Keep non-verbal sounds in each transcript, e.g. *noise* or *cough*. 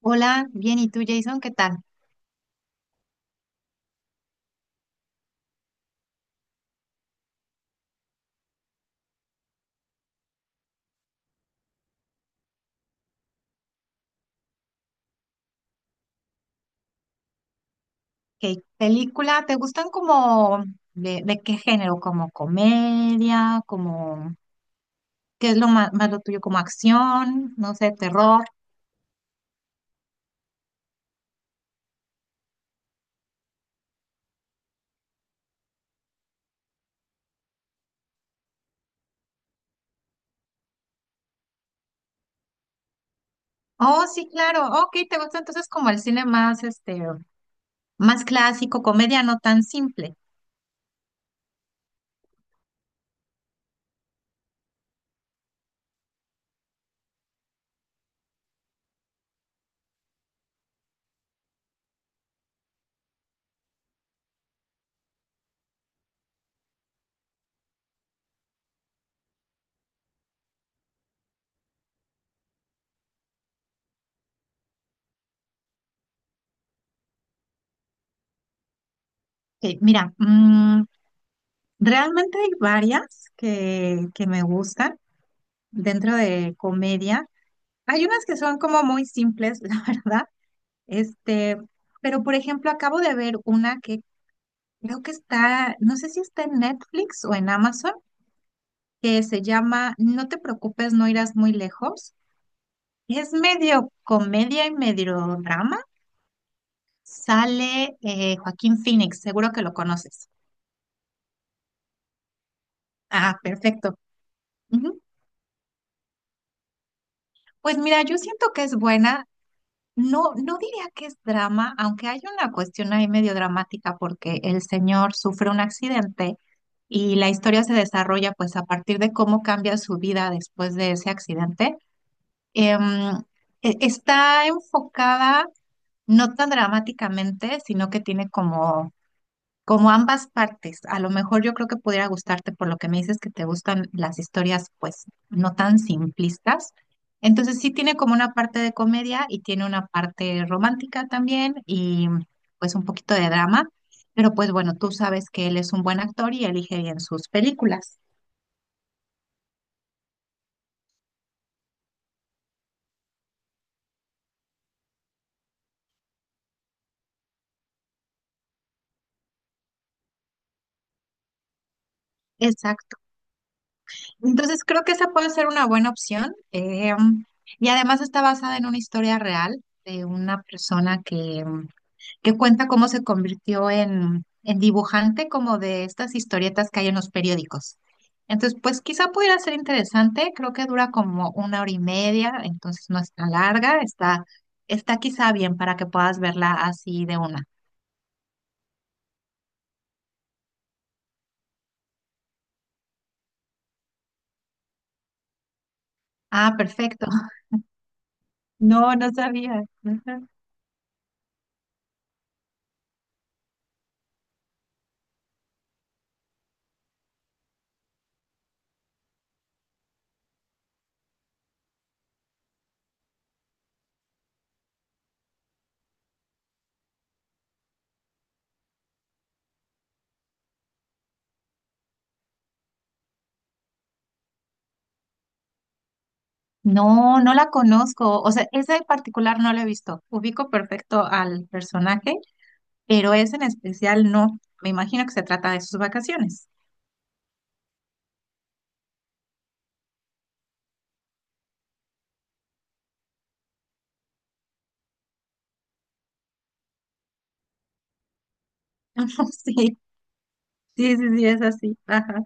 Hola, bien, ¿y tú, Jason? ¿Qué tal? ¿Qué película? ¿Te gustan como de qué género? ¿Como comedia? ¿Como qué es lo más, lo tuyo? ¿Como acción? No sé, terror. Oh, sí, claro. Ok, ¿te gusta entonces como el cine más más clásico, comedia no tan simple? Ok, mira, realmente hay varias que me gustan dentro de comedia. Hay unas que son como muy simples, *laughs* la verdad. Este, pero por ejemplo, acabo de ver una que creo que está, no sé si está en Netflix o en Amazon, que se llama No te preocupes, no irás muy lejos. Es medio comedia y medio drama. Sale Joaquín Phoenix, seguro que lo conoces. Ah, perfecto. Ujú. Pues mira, yo siento que es buena. No, no diría que es drama, aunque hay una cuestión ahí medio dramática porque el señor sufre un accidente y la historia se desarrolla pues a partir de cómo cambia su vida después de ese accidente. Em, Está enfocada no tan dramáticamente, sino que tiene como ambas partes, a lo mejor yo creo que pudiera gustarte por lo que me dices que te gustan las historias pues no tan simplistas. Entonces sí tiene como una parte de comedia y tiene una parte romántica también y pues un poquito de drama, pero pues bueno, tú sabes que él es un buen actor y elige bien sus películas. Exacto. Entonces creo que esa puede ser una buena opción. Y además está basada en una historia real de una persona que cuenta cómo se convirtió en dibujante como de estas historietas que hay en los periódicos. Entonces, pues quizá pudiera ser interesante, creo que dura como una hora y media, entonces no es tan larga, está, está quizá bien para que puedas verla así de una. Ah, perfecto. *laughs* No, no sabía. Ujú. No, no la conozco. O sea, esa en particular no la he visto. Ubico perfecto al personaje, pero esa en especial no. Me imagino que se trata de sus vacaciones. *laughs* Sí. Sí, sí, sí, es así. Ajá.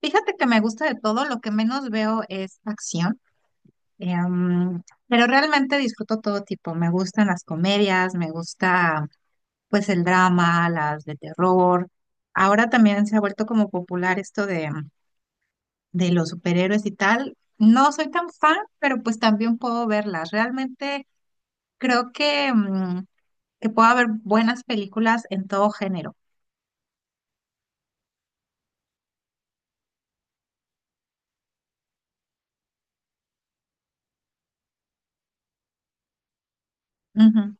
Fíjate que me gusta de todo, lo que menos veo es acción, em, pero realmente disfruto todo tipo. Me gustan las comedias, me gusta pues el drama, las de terror. Ahora también se ha vuelto como popular esto de los superhéroes y tal. No soy tan fan, pero pues también puedo verlas. Realmente creo que, que puedo haber buenas películas en todo género. Ujú,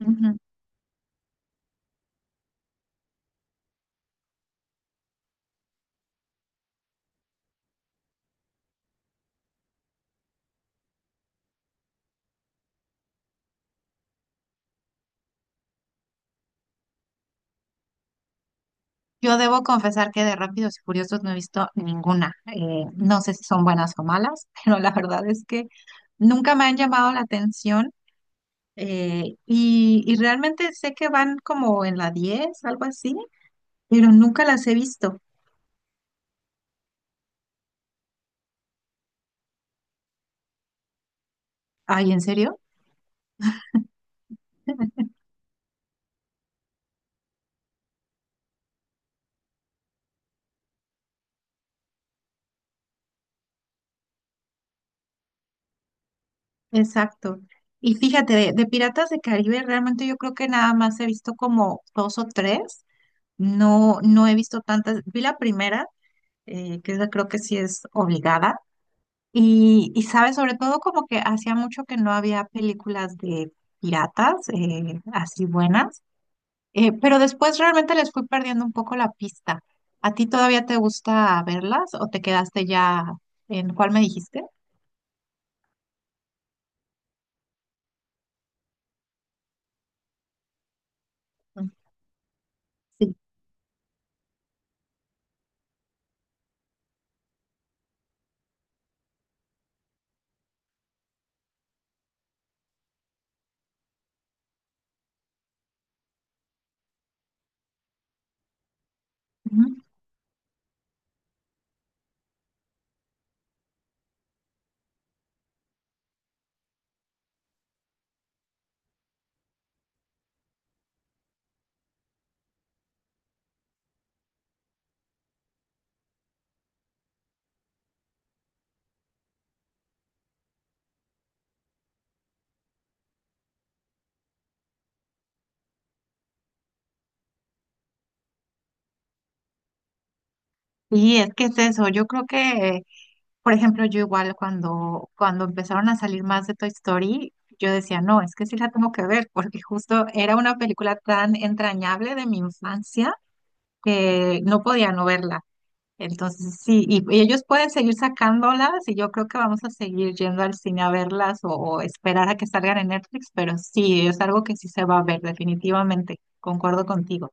ujú. Yo debo confesar que de Rápidos y Furiosos no he visto ninguna. No sé si son buenas o malas, *laughs* pero la verdad es que nunca me han llamado la atención. Y realmente sé que van como en la 10, algo así, pero nunca las he visto. Ay, ¿en serio? Exacto. Y fíjate, de Piratas de Caribe realmente yo creo que nada más he visto como dos o tres. No, no he visto tantas. Vi la primera, que esa creo que sí es obligada. Y sabes, sobre todo como que hacía mucho que no había películas de piratas así buenas. Pero después realmente les fui perdiendo un poco la pista. ¿A ti todavía te gusta verlas o te quedaste ya en cuál me dijiste? Mm. Sí. Ujú. Sí, es que es eso. Yo creo que, por ejemplo, yo igual cuando empezaron a salir más de Toy Story, yo decía, no, es que sí la tengo que ver, porque justo era una película tan entrañable de mi infancia, no podía no verla. Entonces, sí, y ellos pueden seguir sacándolas y yo creo que vamos a seguir yendo al cine a verlas o esperar a que salgan en Netflix, pero sí, es algo que sí se va a ver, definitivamente, concuerdo contigo.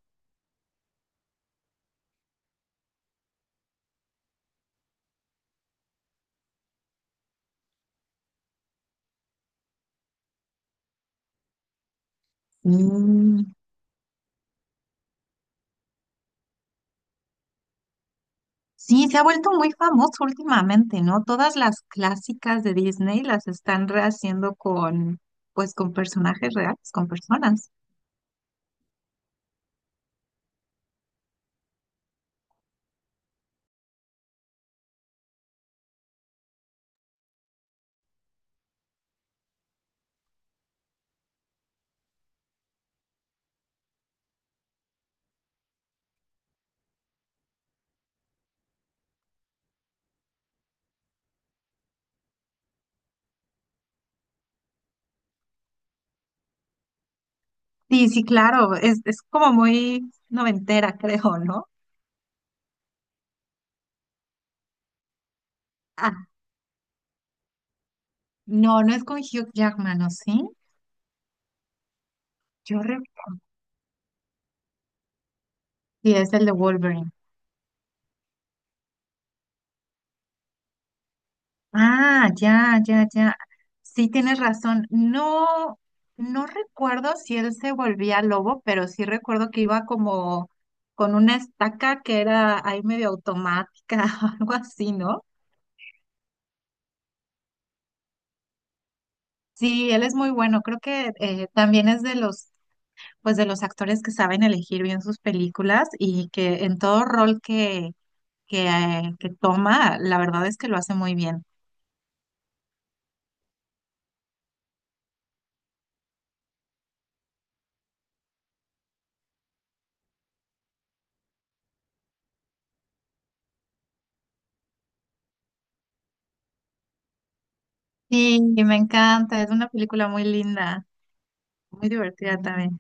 Mm. Sí, se ha vuelto muy famoso últimamente, ¿no? Todas las clásicas de Disney las están rehaciendo pues con personajes reales, con personas. Sí, sí, claro, es como muy noventera, *laughs* creo, ¿no? No, no es con Hugh Jackman, ¿o sí? Yo re-. Sí, es el de Wolverine. Ah, ya, ya, ya. Sí, tienes razón. No, no recuerdo si él se volvía lobo, pero sí recuerdo que iba como con una estaca que era ahí medio automática *laughs* o algo así, ¿no? Sí, él es muy bueno. Creo que también es de los, de los actores que saben elegir bien sus películas y que en todo rol que toma, la verdad es que lo hace muy bien. Sí, me encanta, es una película muy linda, muy divertida también.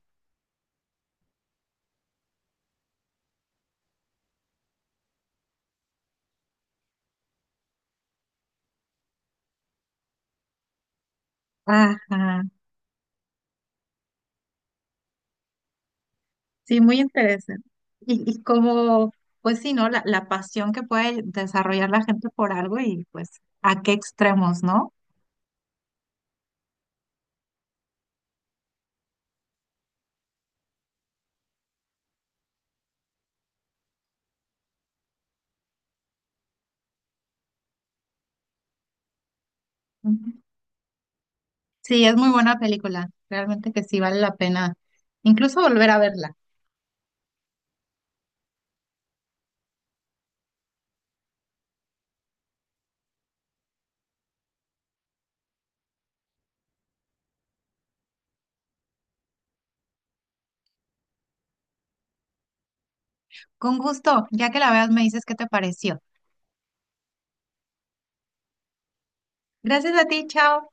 Ajá, sí, muy interesante. Y como, pues sí, ¿no? La pasión que puede desarrollar la gente por algo y pues a qué extremos, ¿no? Ujú. Sí, es muy buena película, realmente que sí vale la pena incluso volver a verla. Con gusto, ya que la veas me dices qué te pareció. Gracias a ti, chao.